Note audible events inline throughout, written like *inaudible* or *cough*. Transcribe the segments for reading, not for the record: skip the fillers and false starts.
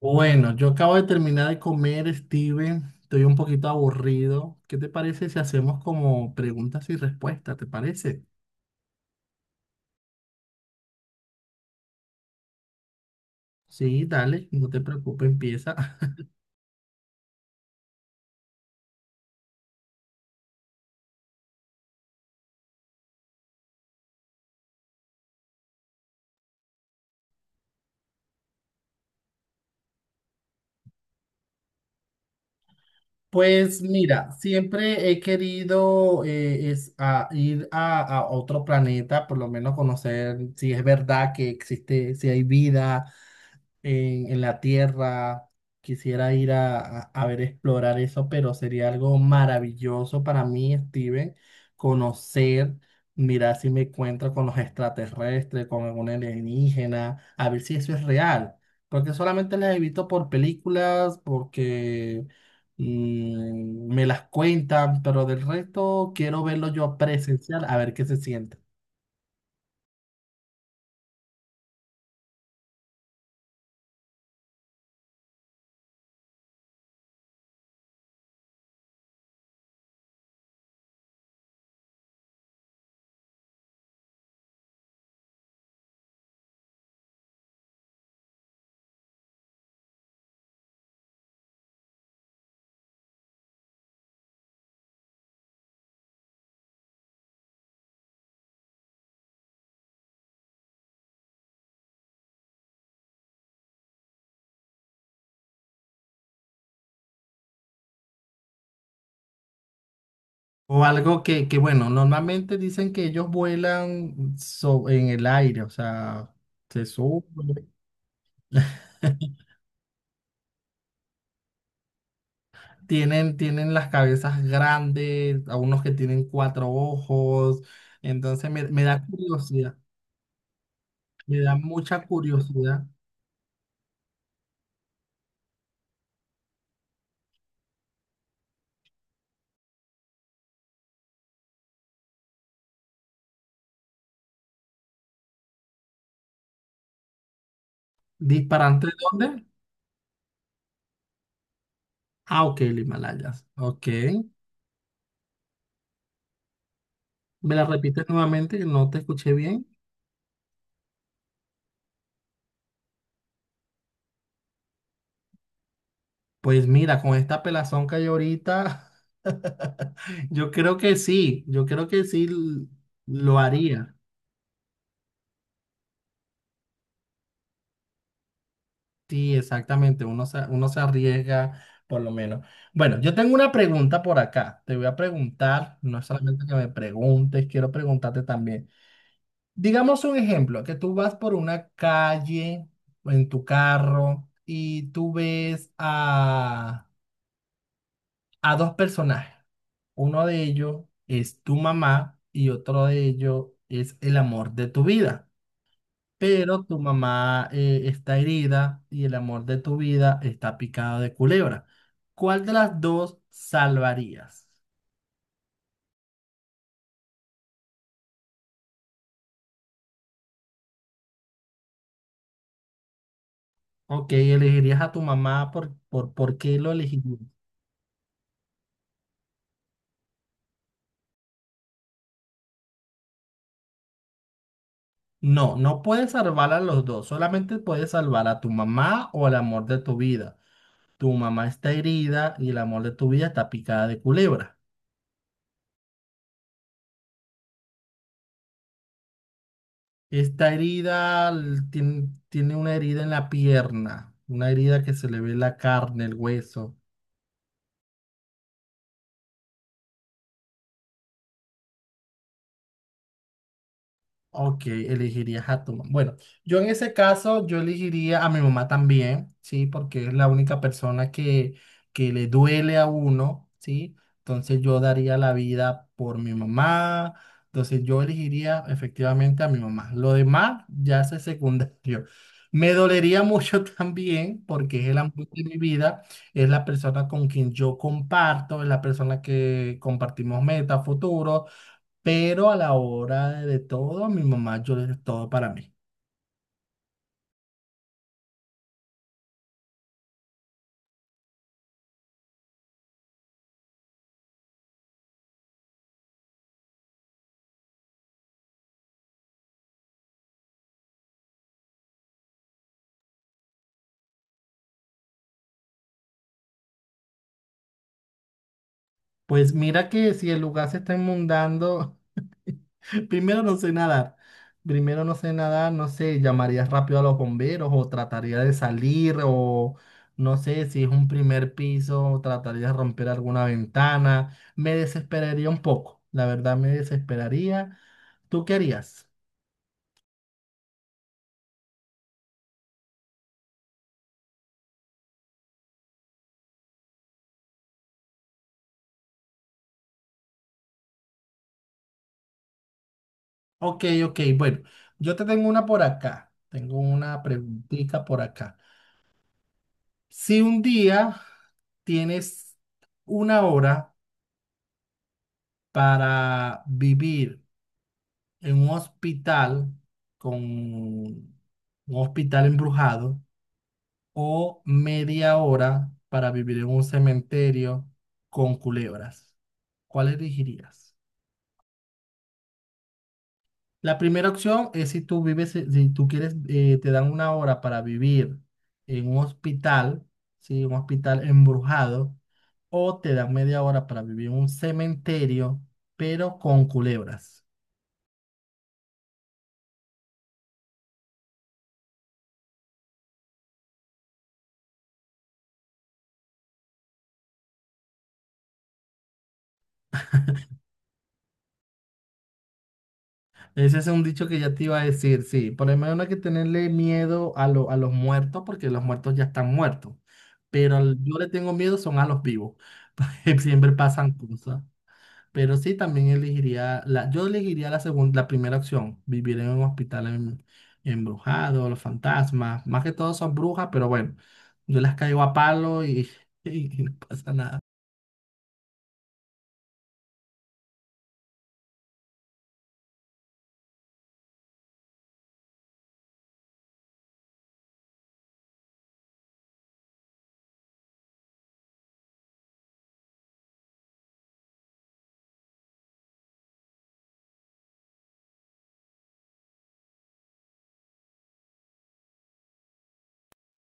Bueno, yo acabo de terminar de comer, Steven. Estoy un poquito aburrido. ¿Qué te parece si hacemos como preguntas y respuestas? ¿Te parece? Sí, dale, no te preocupes, empieza. *laughs* Pues mira, siempre he querido es a ir a otro planeta, por lo menos conocer si es verdad que existe, si hay vida, en la Tierra. Quisiera ir a ver, explorar eso, pero sería algo maravilloso para mí, Steven, conocer, mirar si me encuentro con los extraterrestres, con algún alienígena, a ver si eso es real. Porque solamente las he visto por películas, porque me las cuentan, pero del resto quiero verlo yo presencial, a ver qué se siente. O algo bueno, normalmente dicen que ellos vuelan en el aire, o sea, se suben. *laughs* Tienen las cabezas grandes, a unos que tienen cuatro ojos. Entonces me da curiosidad, me da mucha curiosidad. ¿Disparante de dónde? Ah, ok, el Himalayas. Ok. ¿Me la repites nuevamente que no te escuché bien? Pues mira, con esta pelazón que hay ahorita, *laughs* yo creo que sí, yo creo que lo haría. Sí, exactamente, uno se arriesga por lo menos. Bueno, yo tengo una pregunta por acá, te voy a preguntar, no es solamente que me preguntes, quiero preguntarte también. Digamos un ejemplo, que tú vas por una calle en tu carro y tú ves a dos personajes. Uno de ellos es tu mamá y otro de ellos es el amor de tu vida. Pero tu mamá está herida y el amor de tu vida está picado de culebra. ¿Cuál de las dos salvarías? Ok, elegirías a tu mamá ¿por qué lo elegirías? No, no puedes salvar a los dos, solamente puedes salvar a tu mamá o al amor de tu vida. Tu mamá está herida y el amor de tu vida está picada de culebra. Esta herida tiene una herida en la pierna, una herida que se le ve la carne, el hueso. Ok, elegirías a tu mamá. Bueno, yo en ese caso, yo elegiría a mi mamá también, ¿sí? Porque es la única persona que le duele a uno, ¿sí? Entonces yo daría la vida por mi mamá. Entonces yo elegiría efectivamente a mi mamá. Lo demás ya es secundario. Me dolería mucho *laughs* también porque es el amor de mi vida, es la persona con quien yo comparto, es la persona que compartimos metas, futuros, pero a la hora de todo, a mi mamá yo le doy todo para mí. Pues mira que si el lugar se está inundando, *laughs* primero no sé nadar. Primero no sé nadar, no sé, llamaría rápido a los bomberos o trataría de salir o no sé si es un primer piso, trataría de romper alguna ventana. Me desesperaría un poco, la verdad me desesperaría. ¿Tú qué harías? Ok, ok, bueno, yo te tengo una por acá. Tengo una preguntita por acá. Si un día tienes una hora para vivir en un hospital con un hospital embrujado o media hora para vivir en un cementerio con culebras, ¿cuál elegirías? La primera opción es si tú vives, si tú quieres, te dan una hora para vivir en un hospital, ¿sí? Un hospital embrujado, o te dan media hora para vivir en un cementerio, pero con culebras. Ese es un dicho que ya te iba a decir, sí. Por lo menos no hay que tenerle miedo a los muertos, porque los muertos ya están muertos. Pero yo le tengo miedo son a los vivos. *laughs* Siempre pasan cosas. Pero sí, también elegiría, la, yo elegiría la segunda, la primera opción, vivir en un hospital embrujado, los fantasmas, más que todo son brujas, pero bueno, yo las caigo a palo y, *laughs* y no pasa nada.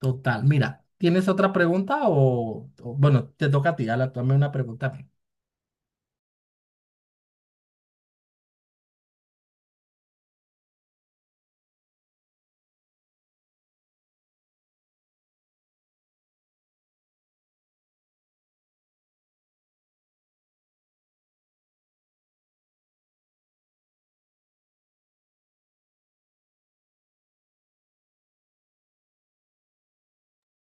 Total, mira, ¿tienes otra pregunta o- bueno, te toca a ti, Ala, tú hazme una pregunta a mí.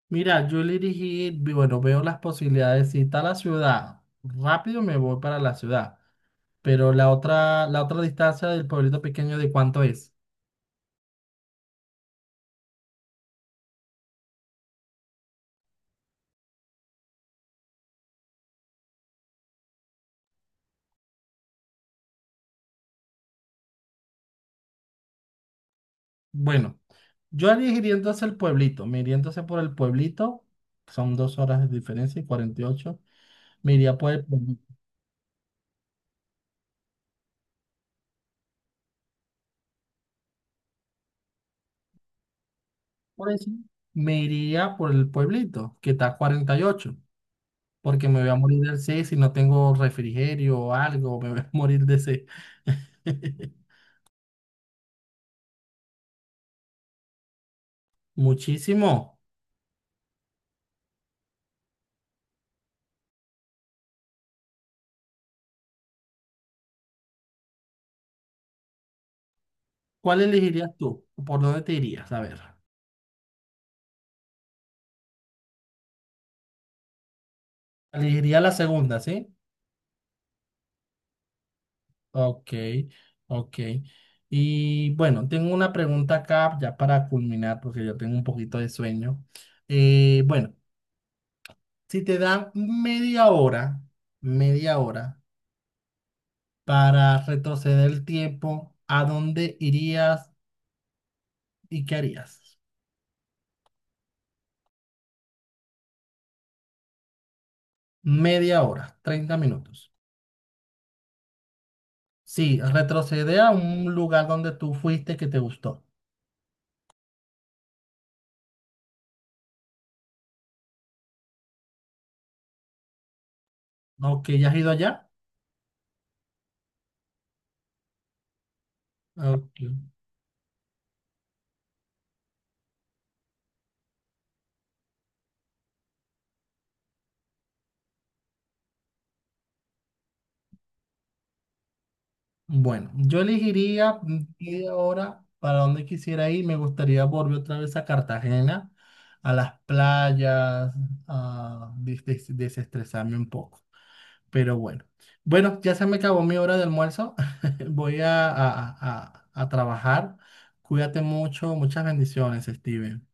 Mira, yo le dije, bueno, veo las posibilidades, si está la ciudad, rápido me voy para la ciudad, pero la otra distancia del pueblito pequeño, ¿de cuánto es? Bueno. Yo haría iría hacia el pueblito, me iría entonces por el pueblito, son 2 horas de diferencia y 48, me iría por el pueblito. Por eso me iría por el pueblito, que está a 48, porque me voy a morir del sed si no tengo refrigerio o algo, me voy a morir de sed. *laughs* Muchísimo. ¿Cuál elegirías tú? ¿Por dónde te irías? A ver. Elegiría la segunda, ¿sí? Ok, ok. Y bueno, tengo una pregunta acá ya para culminar, porque yo tengo un poquito de sueño. Bueno, si te dan media hora para retroceder el tiempo, ¿a dónde irías y qué harías? Media hora, 30 minutos. Sí, retroceder a un lugar donde tú fuiste que te gustó. Ok, ¿ya has ido allá? Ok. Bueno, yo elegiría y ahora para donde quisiera ir. Me gustaría volver otra vez a Cartagena, a las playas, a desestresarme un poco. Pero bueno, bueno, ya se me acabó mi hora de almuerzo. *laughs* Voy a trabajar. Cuídate mucho. Muchas bendiciones, Steven.